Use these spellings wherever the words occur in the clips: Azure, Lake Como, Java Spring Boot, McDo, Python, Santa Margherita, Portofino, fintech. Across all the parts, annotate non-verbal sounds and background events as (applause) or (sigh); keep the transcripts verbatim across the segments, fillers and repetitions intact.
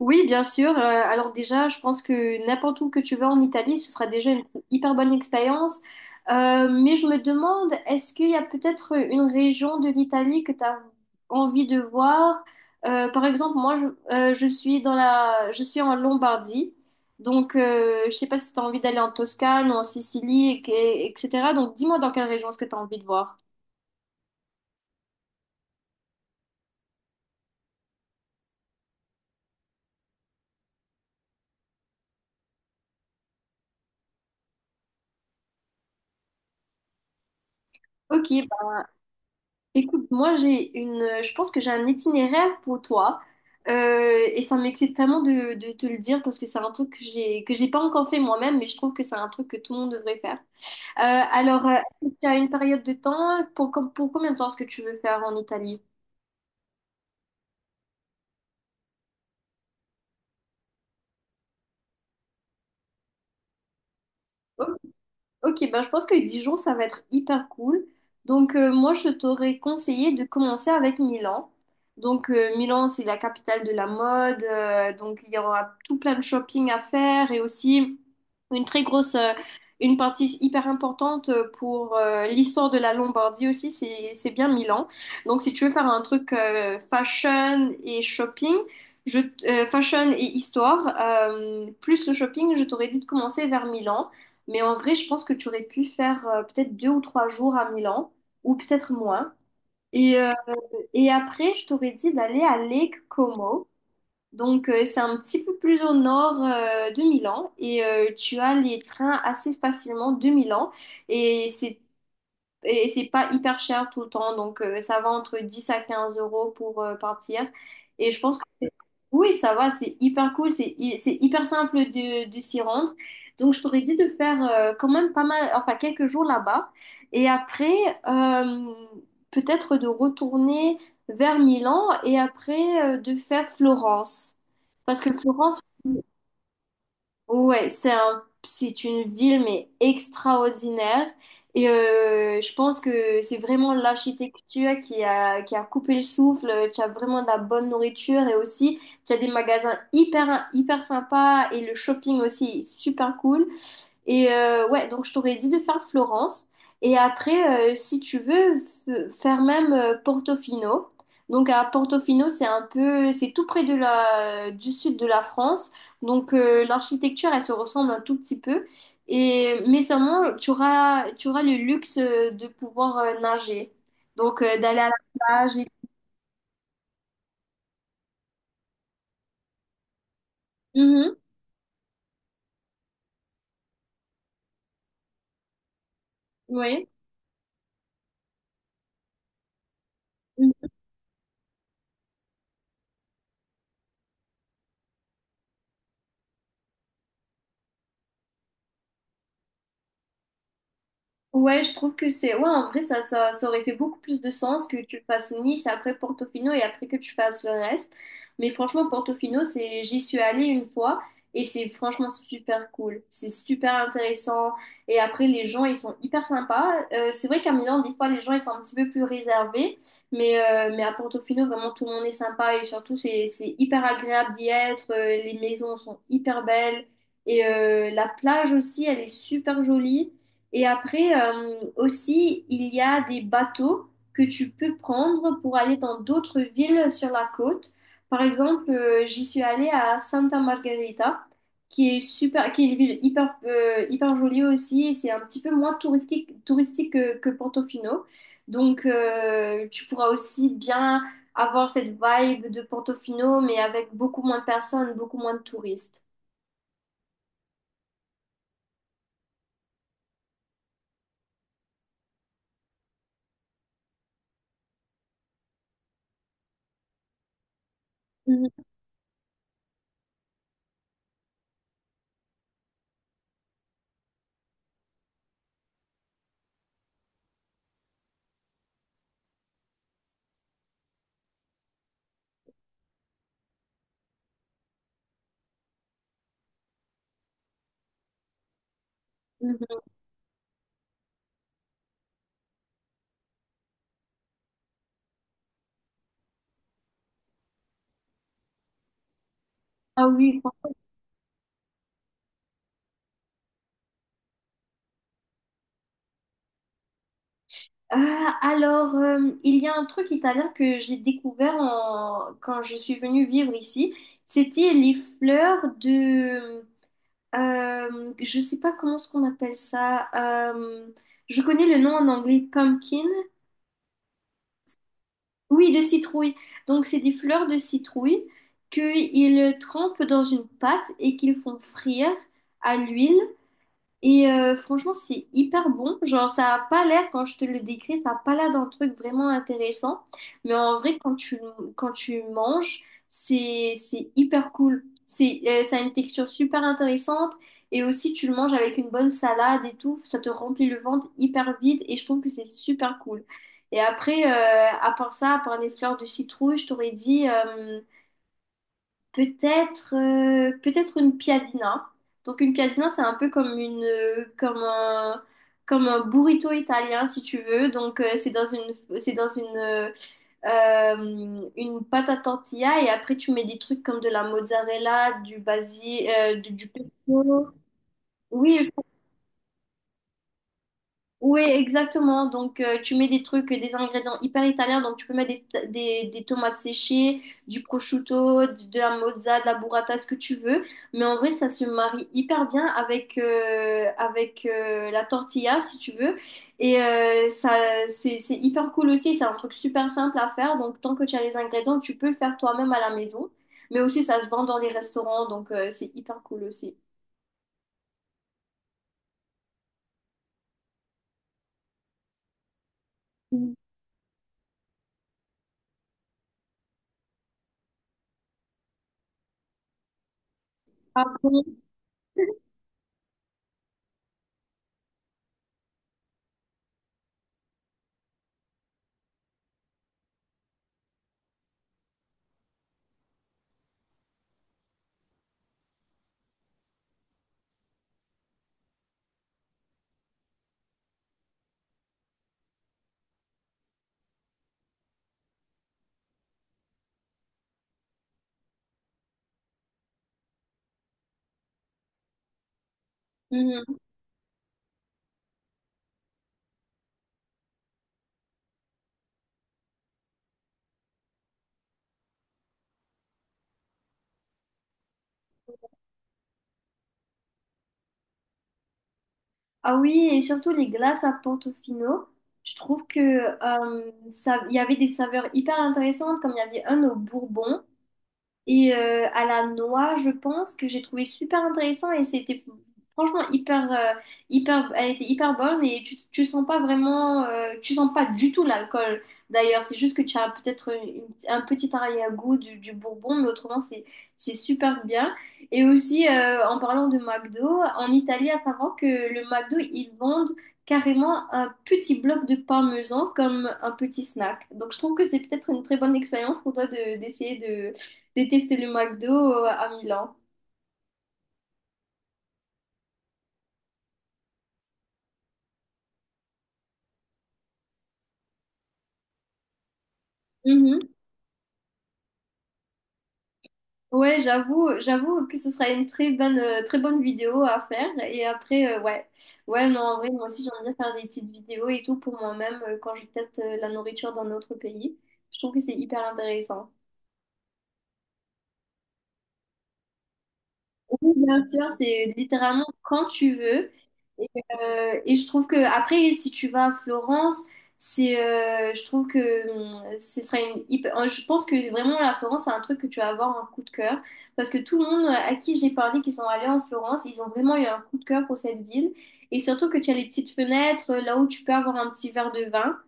Oui, bien sûr. Euh, alors déjà, je pense que n'importe où que tu vas en Italie, ce sera déjà une hyper bonne expérience. Euh, mais je me demande, est-ce qu'il y a peut-être une région de l'Italie que tu as envie de voir? Euh, par exemple, moi, je, euh, je suis dans la, je suis en Lombardie. Donc, euh, je sais pas si tu as envie d'aller en Toscane ou en Sicile, et- et- etc. Donc, dis-moi dans quelle région est-ce que tu as envie de voir. Ok. Écoute, moi j'ai une, je pense que j'ai un itinéraire pour toi. Euh, et ça m'excite tellement de, de te le dire parce que c'est un truc que j'ai que j'ai pas encore fait moi-même, mais je trouve que c'est un truc que tout le monde devrait faire. Euh, alors, euh, est-ce que tu as une période de temps pour, com- pour combien de temps est-ce que tu veux faire en Italie? Ok, ben je pense que Dijon, ça va être hyper cool. Donc, euh, moi, je t'aurais conseillé de commencer avec Milan. Donc, euh, Milan, c'est la capitale de la mode. Euh, donc, il y aura tout plein de shopping à faire, et aussi une très grosse, euh, une partie hyper importante pour euh, l'histoire de la Lombardie aussi, c'est, c'est bien Milan. Donc, si tu veux faire un truc euh, fashion et shopping, je, t- euh, fashion et histoire, euh, plus le shopping, je t'aurais dit de commencer vers Milan. Mais en vrai, je pense que tu aurais pu faire euh, peut-être deux ou trois jours à Milan, ou peut-être moins. Et, euh, et après, je t'aurais dit d'aller à Lake Como. Donc, euh, c'est un petit peu plus au nord euh, de Milan. Et euh, tu as les trains assez facilement de Milan. Et c'est et c'est pas hyper cher tout le temps, donc euh, ça va entre dix à quinze euros pour euh, partir. Et je pense que c'est- oui, ça va, c'est hyper cool, c'est hy- c'est hyper simple de, de s'y rendre. Donc je t'aurais dit de faire euh, quand même pas mal, enfin quelques jours là-bas. Et après, euh, peut-être de retourner vers Milan et après euh, de faire Florence. Parce que Florence, ouais, c'est un, c'est une ville mais extraordinaire, et euh, je pense que c'est vraiment l'architecture qui a, qui a coupé le souffle. Tu as vraiment de la bonne nourriture, et aussi tu as des magasins hyper hyper sympas et le shopping aussi est super cool. Et euh, ouais, donc je t'aurais dit de faire Florence. Et après, euh, si tu veux, f- faire même euh, Portofino. Donc à Portofino, c'est un peu, c'est tout près de la, du sud de la France. Donc euh, l'architecture, elle se ressemble un tout petit peu. Et mais seulement, tu auras, tu auras le luxe euh, de pouvoir euh, nager. Donc euh, d'aller à la plage. Et... Mhm, oui. Ouais, je trouve que c'est... Ouais, en vrai, ça, ça, ça aurait fait beaucoup plus de sens que tu fasses Nice, après Portofino, et après que tu fasses le reste. Mais franchement, Portofino, c'est... J'y suis allée une fois et c'est franchement super cool. C'est super intéressant. Et après, les gens, ils sont hyper sympas. Euh, c'est vrai qu'à Milan, des fois, les gens, ils sont un petit peu plus réservés. Mais, euh, mais à Portofino, vraiment, tout le monde est sympa, et surtout, c'est, c'est hyper agréable d'y être. Euh, Les maisons sont hyper belles. Et euh, la plage aussi, elle est super jolie. Et après, euh, aussi, il y a des bateaux que tu peux prendre pour aller dans d'autres villes sur la côte. Par exemple, euh, j'y suis allée à Santa Margherita, qui est super, qui est une ville hyper, euh, hyper jolie aussi. Et c'est un petit peu moins touristique, touristique que, que Portofino. Donc, euh, tu pourras aussi bien avoir cette vibe de Portofino, mais avec beaucoup moins de personnes, beaucoup moins de touristes. Mhm, mhm. Ah oui. Ah, alors, euh, il y a un truc italien que j'ai découvert en- quand je suis venue vivre ici. C'était les fleurs de... euh, je sais pas comment ce qu'on appelle ça. Euh, je connais le nom en anglais, pumpkin. Oui, de citrouille. Donc, c'est des fleurs de citrouille qu'ils trempent dans une pâte et qu'ils font frire à l'huile. Et euh, franchement, c'est hyper bon. Genre, ça a pas l'air, quand je te le décris, ça a pas l'air d'un truc vraiment intéressant. Mais en vrai, quand tu, quand tu manges, c'est, c'est hyper cool. C'est, euh, ça a une texture super intéressante. Et aussi, tu le manges avec une bonne salade et tout. Ça te remplit le ventre hyper vite. Et je trouve que c'est super cool. Et après, euh, à part ça, à part les fleurs de citrouille, je t'aurais dit... euh, peut-être euh, peut-être une piadina. Donc une piadina, c'est un peu comme une euh, comme un comme un burrito italien si tu veux. Donc euh, c'est dans une c'est dans une euh, euh, une pâte à tortilla, et après tu mets des trucs comme de la mozzarella, du basil, euh, du, du pesto. Oui, oui, exactement. Donc, euh, tu mets des trucs, des ingrédients hyper italiens. Donc, tu peux mettre des, des, des tomates séchées, du prosciutto, de, de la mozza, de la burrata, ce que tu veux. Mais en vrai, ça se marie hyper bien avec, euh, avec euh, la tortilla, si tu veux. Et euh, ça, c'est, c'est hyper cool aussi. C'est un truc super simple à faire. Donc, tant que tu as les ingrédients, tu peux le faire toi-même à la maison. Mais aussi, ça se vend dans les restaurants. Donc, euh, c'est hyper cool aussi. Mm. Ah bon? (laughs) Mhm. Ah oui, et surtout les glaces à Portofino. Je trouve que euh, ça, il y avait des saveurs hyper intéressantes, comme il y avait un au bourbon. Et euh, à la noix, je pense que j'ai trouvé super intéressant, et c'était franchement hyper, euh, hyper, elle était hyper bonne, et tu, tu sens pas vraiment, euh, tu sens pas du tout l'alcool. D'ailleurs, c'est juste que tu as peut-être une- un petit arrière-goût du, du bourbon, mais autrement, c'est, c'est super bien. Et aussi, euh, en parlant de McDo, en Italie, à savoir que le McDo, ils vendent carrément un petit bloc de parmesan comme un petit snack. Donc, je trouve que c'est peut-être une très bonne expérience pour toi de, d'essayer déteste le McDo euh, à Milan. Mhm. Ouais, j'avoue, j'avoue que ce sera une très bonne, euh, très bonne vidéo à faire. Et après, euh, ouais. Ouais, non, en vrai, moi aussi, j'aime bien faire des petites vidéos et tout pour moi-même euh, quand je teste euh, la nourriture dans notre pays. Je trouve que c'est hyper intéressant. Oui, bien sûr, c'est littéralement quand tu veux. Et, euh, et je trouve que après, si tu vas à Florence, c'est, euh, je trouve que hum, ce sera une hyper- euh, je pense que vraiment la Florence, c'est un truc que tu vas avoir un coup de cœur, parce que tout le monde euh, à qui j'ai parlé qui sont allés en Florence, ils ont vraiment eu un coup de cœur pour cette ville. Et surtout que tu as les petites fenêtres là où tu peux avoir un petit verre de vin.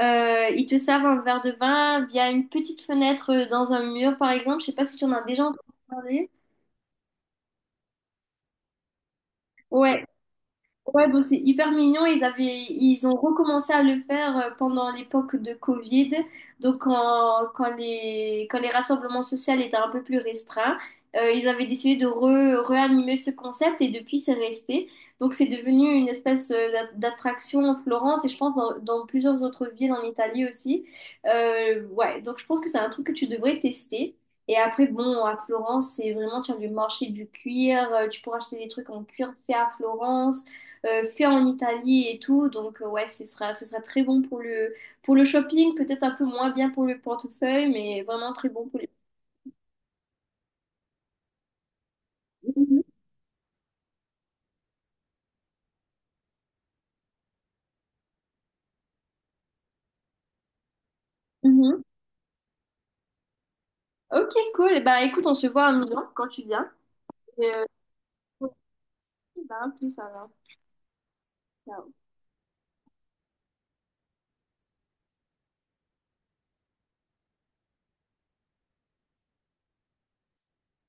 Euh, ils te servent un verre de vin via une petite fenêtre euh, dans un mur, par exemple. Je sais pas si tu en as déjà entendu parler. Ouais, ouais, donc c'est hyper mignon. Ils avaient, ils ont recommencé à le faire euh, pendant l'époque de Covid. Donc, quand, quand les, quand les rassemblements sociaux étaient un peu plus restreints, euh, ils avaient décidé de re- réanimer ce concept, et depuis, c'est resté. Donc, c'est devenu une espèce euh, d'a- d'attraction en Florence, et je pense dans, dans plusieurs autres villes en Italie aussi. Euh, ouais, donc je pense que c'est un truc que tu devrais tester. Et après, bon, à Florence, c'est vraiment, tu as le marché du cuir, euh, tu pourras acheter des truits en cuir fait à Florence euh, fait en Italie et tout. Donc, euh, ouais, ce sera, ce sera très bon pour le, pour le shopping, peut-être un peu moins bien pour le portefeuille, mais vraiment très bon pour les. Mhm. Mhm. Ok, cool. Bah, écoute, on se voit à Milan quand tu viens. Et, euh, bah, à plus alors. Ciao.